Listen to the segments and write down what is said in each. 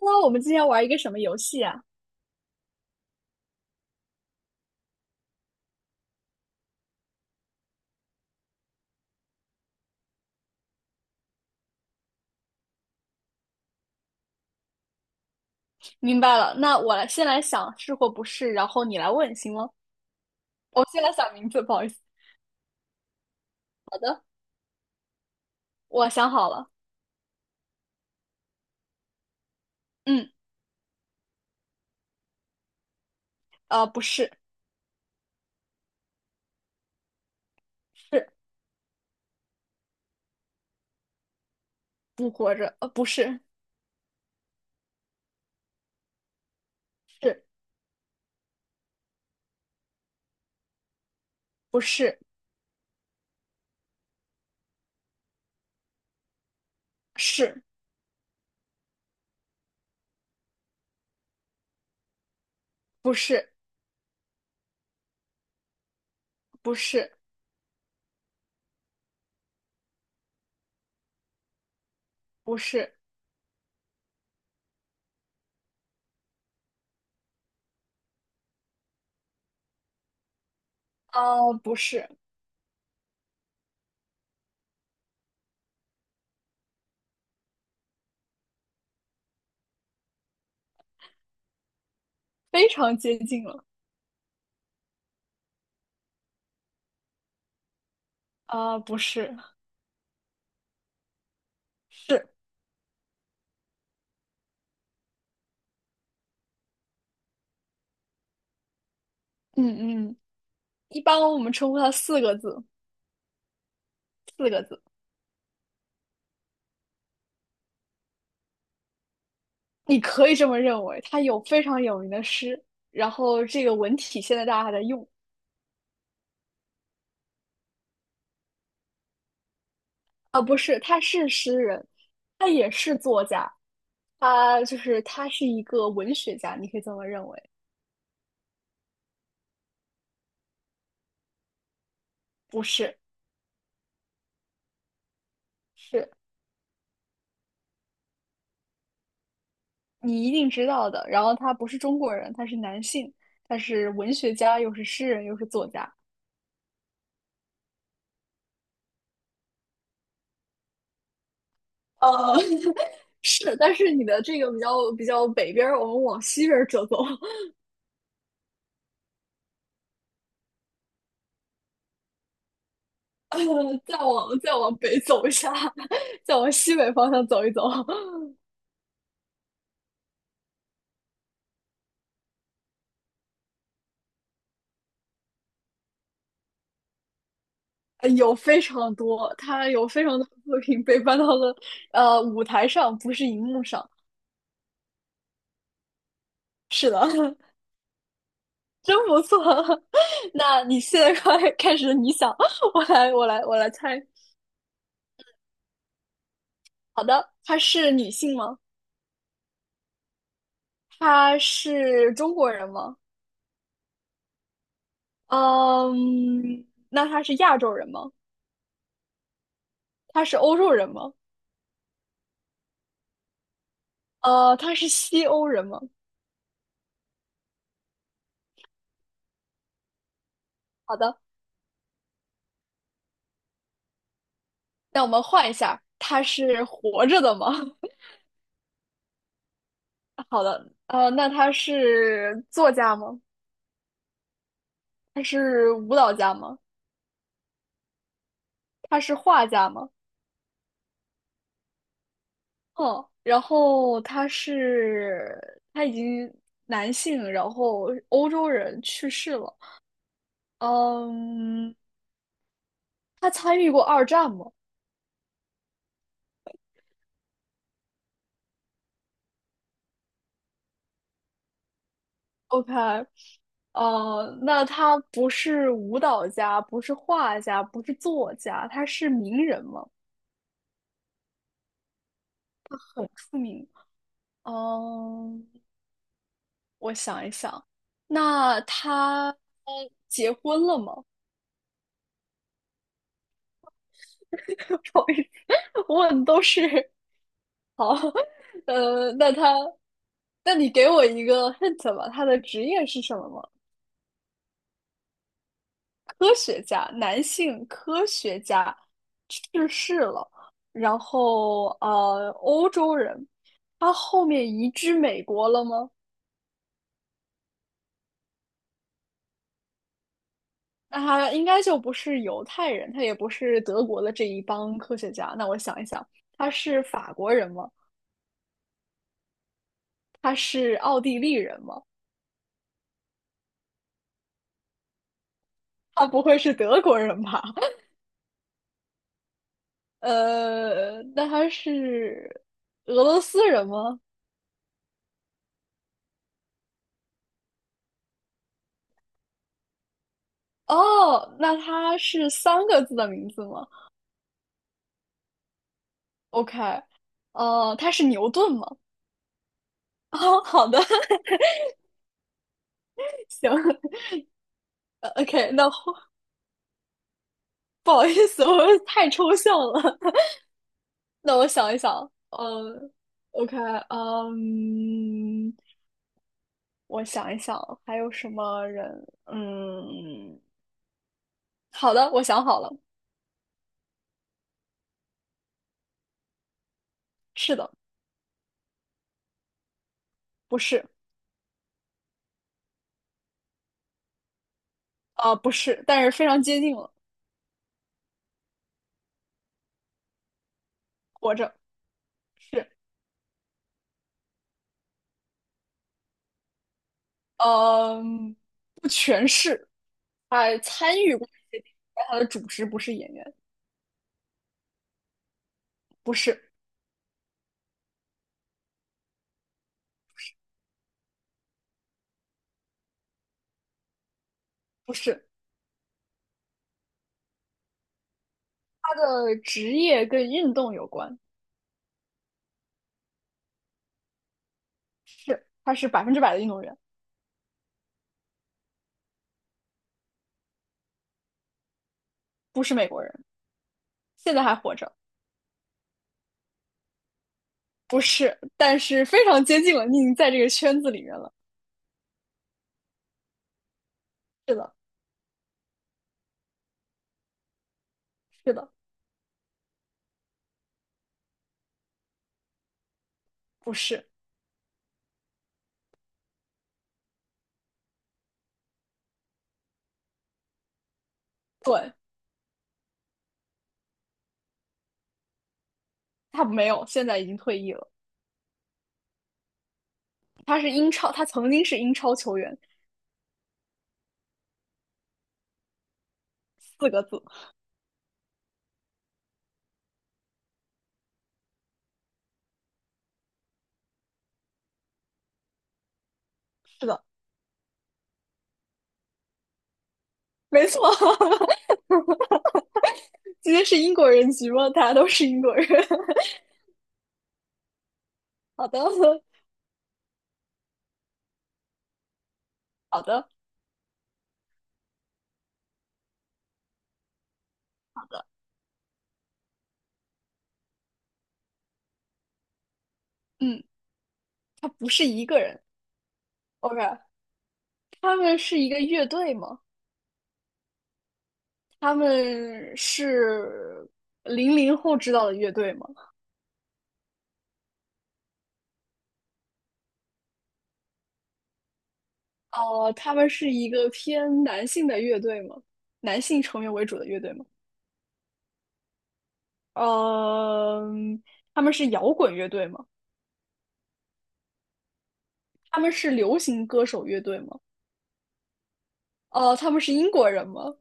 那我们今天玩一个什么游戏啊？明白了，那先来想是或不是，然后你来问，行吗？我先来想名字，不好意思。好的，我想好了。嗯。不是。是。不活着，不是。是。不是。是。不是。不是。不是。不是。非常接近了。啊，不是。是。嗯嗯，一般我们称呼它四个字，四个字。你可以这么认为，他有非常有名的诗，然后这个文体现在大家还在用。啊，不是，他是诗人。他也是作家，他是一个文学家，你可以这么认为。不是。是。你一定知道的。然后他不是中国人，他是男性，他是文学家，又是诗人，又是作家。呃，是，但是你的这个比较北边儿，我们往西边儿折走。呃，再往北走一下。再往西北方向走一走。有非常多，他有非常多的作品被搬到了舞台上，不是荧幕上。是的。真不错。那你现在快开始，你想，我来猜。好的，她是女性吗？她是中国人吗？嗯，那她是亚洲人吗？她是欧洲人吗？她是西欧人吗？好的，那我们换一下，他是活着的吗？好的，那他是作家吗？他是舞蹈家吗？他是画家吗？嗯，然后他已经男性，然后欧洲人去世了。嗯，他参与过二战吗？OK。那他不是舞蹈家，不是画家，不是作家，他是名人吗？很出名。嗯，我想一想，那他结婚了吗？不好意思，问都是好。呃，那他，那你给我一个 hint 吧，他的职业是什么吗？科学家，男性科学家，去世了。然后欧洲人，他后面移居美国了吗？那他应该就不是犹太人，他也不是德国的这一帮科学家。那我想一想，他是法国人吗？他是奥地利人吗？他不会是德国人吧？那他是俄罗斯人吗？哦，那他是三个字的名字吗？OK。哦，他是牛顿吗？哦，好的。行。OK，那不好意思。我太抽象了。那我想一想，嗯，OK，嗯，我想一想还有什么人？嗯，好的，我想好了。是的。不是。不是，但是非常接近了。活着。是。嗯，不全是，他参与过一些电影但他的主职不是演员。不是。不是。他的职业跟运动有关。是，他是百分之百的运动员。不是美国人，现在还活着。不是，但是非常接近了，你已经在这个圈子里面了。是的。是的。不是。对，他没有，现在已经退役了。他是英超，他曾经是英超球员。四个字。是的。没错。今天是英国人局吗？大家都是英国人。好的。好的。嗯，他不是一个人。OK,他们是一个乐队吗？他们是零零后知道的乐队吗？哦，他们是一个偏男性的乐队吗？男性成员为主的乐队吗？嗯，他们是摇滚乐队吗？他们是流行歌手乐队吗？哦，他们是英国人吗？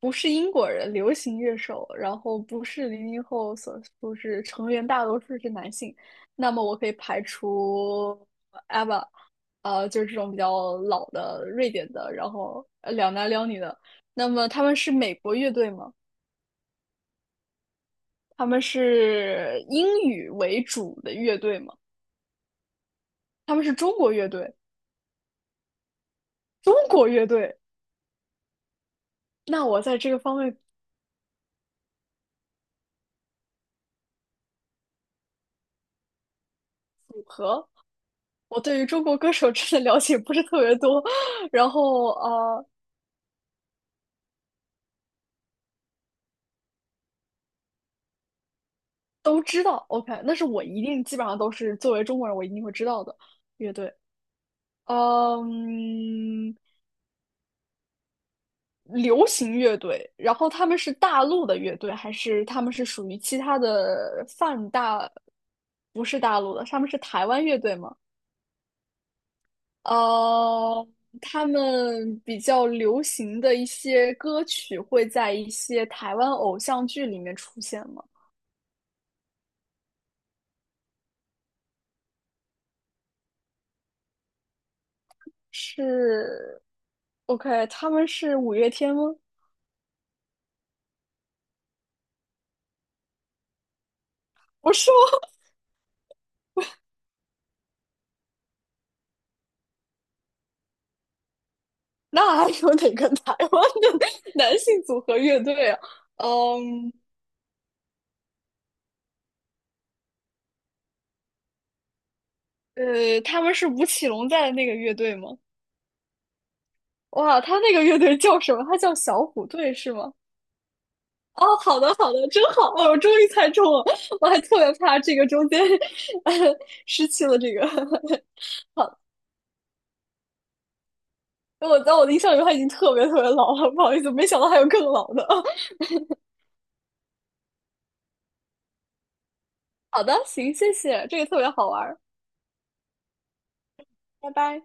不是英国人，流行乐手，然后不是零零后，所不是成员大多数是男性，那么我可以排除 AVA。 就是这种比较老的瑞典的，然后两男两女的。那么他们是美国乐队吗？他们是英语为主的乐队吗？他们是中国乐队。中国乐队。那我在这个方面，我对于中国歌手真的了解不是特别多。然后都知道。OK，那是我一定基本上都是作为中国人，我一定会知道的乐队。嗯，流行乐队，然后他们是大陆的乐队，还是他们是属于其他的泛大？不是大陆的，他们是台湾乐队吗？呃，他们比较流行的一些歌曲会在一些台湾偶像剧里面出现吗？是。OK，他们是五月天吗？不是吗？那还有哪个台湾的 男性组合乐队啊？嗯，他们是吴奇隆在的那个乐队吗？哇，他那个乐队叫什么？他叫小虎队是吗？哦，好的好的，真好！哦，我终于猜中了，我还特别怕这个中间 呃失去了这个。我在我的印象里，他已经特别特别老了，不好意思，没想到还有更老的。好的，行，谢谢，这个特别好玩儿，拜拜。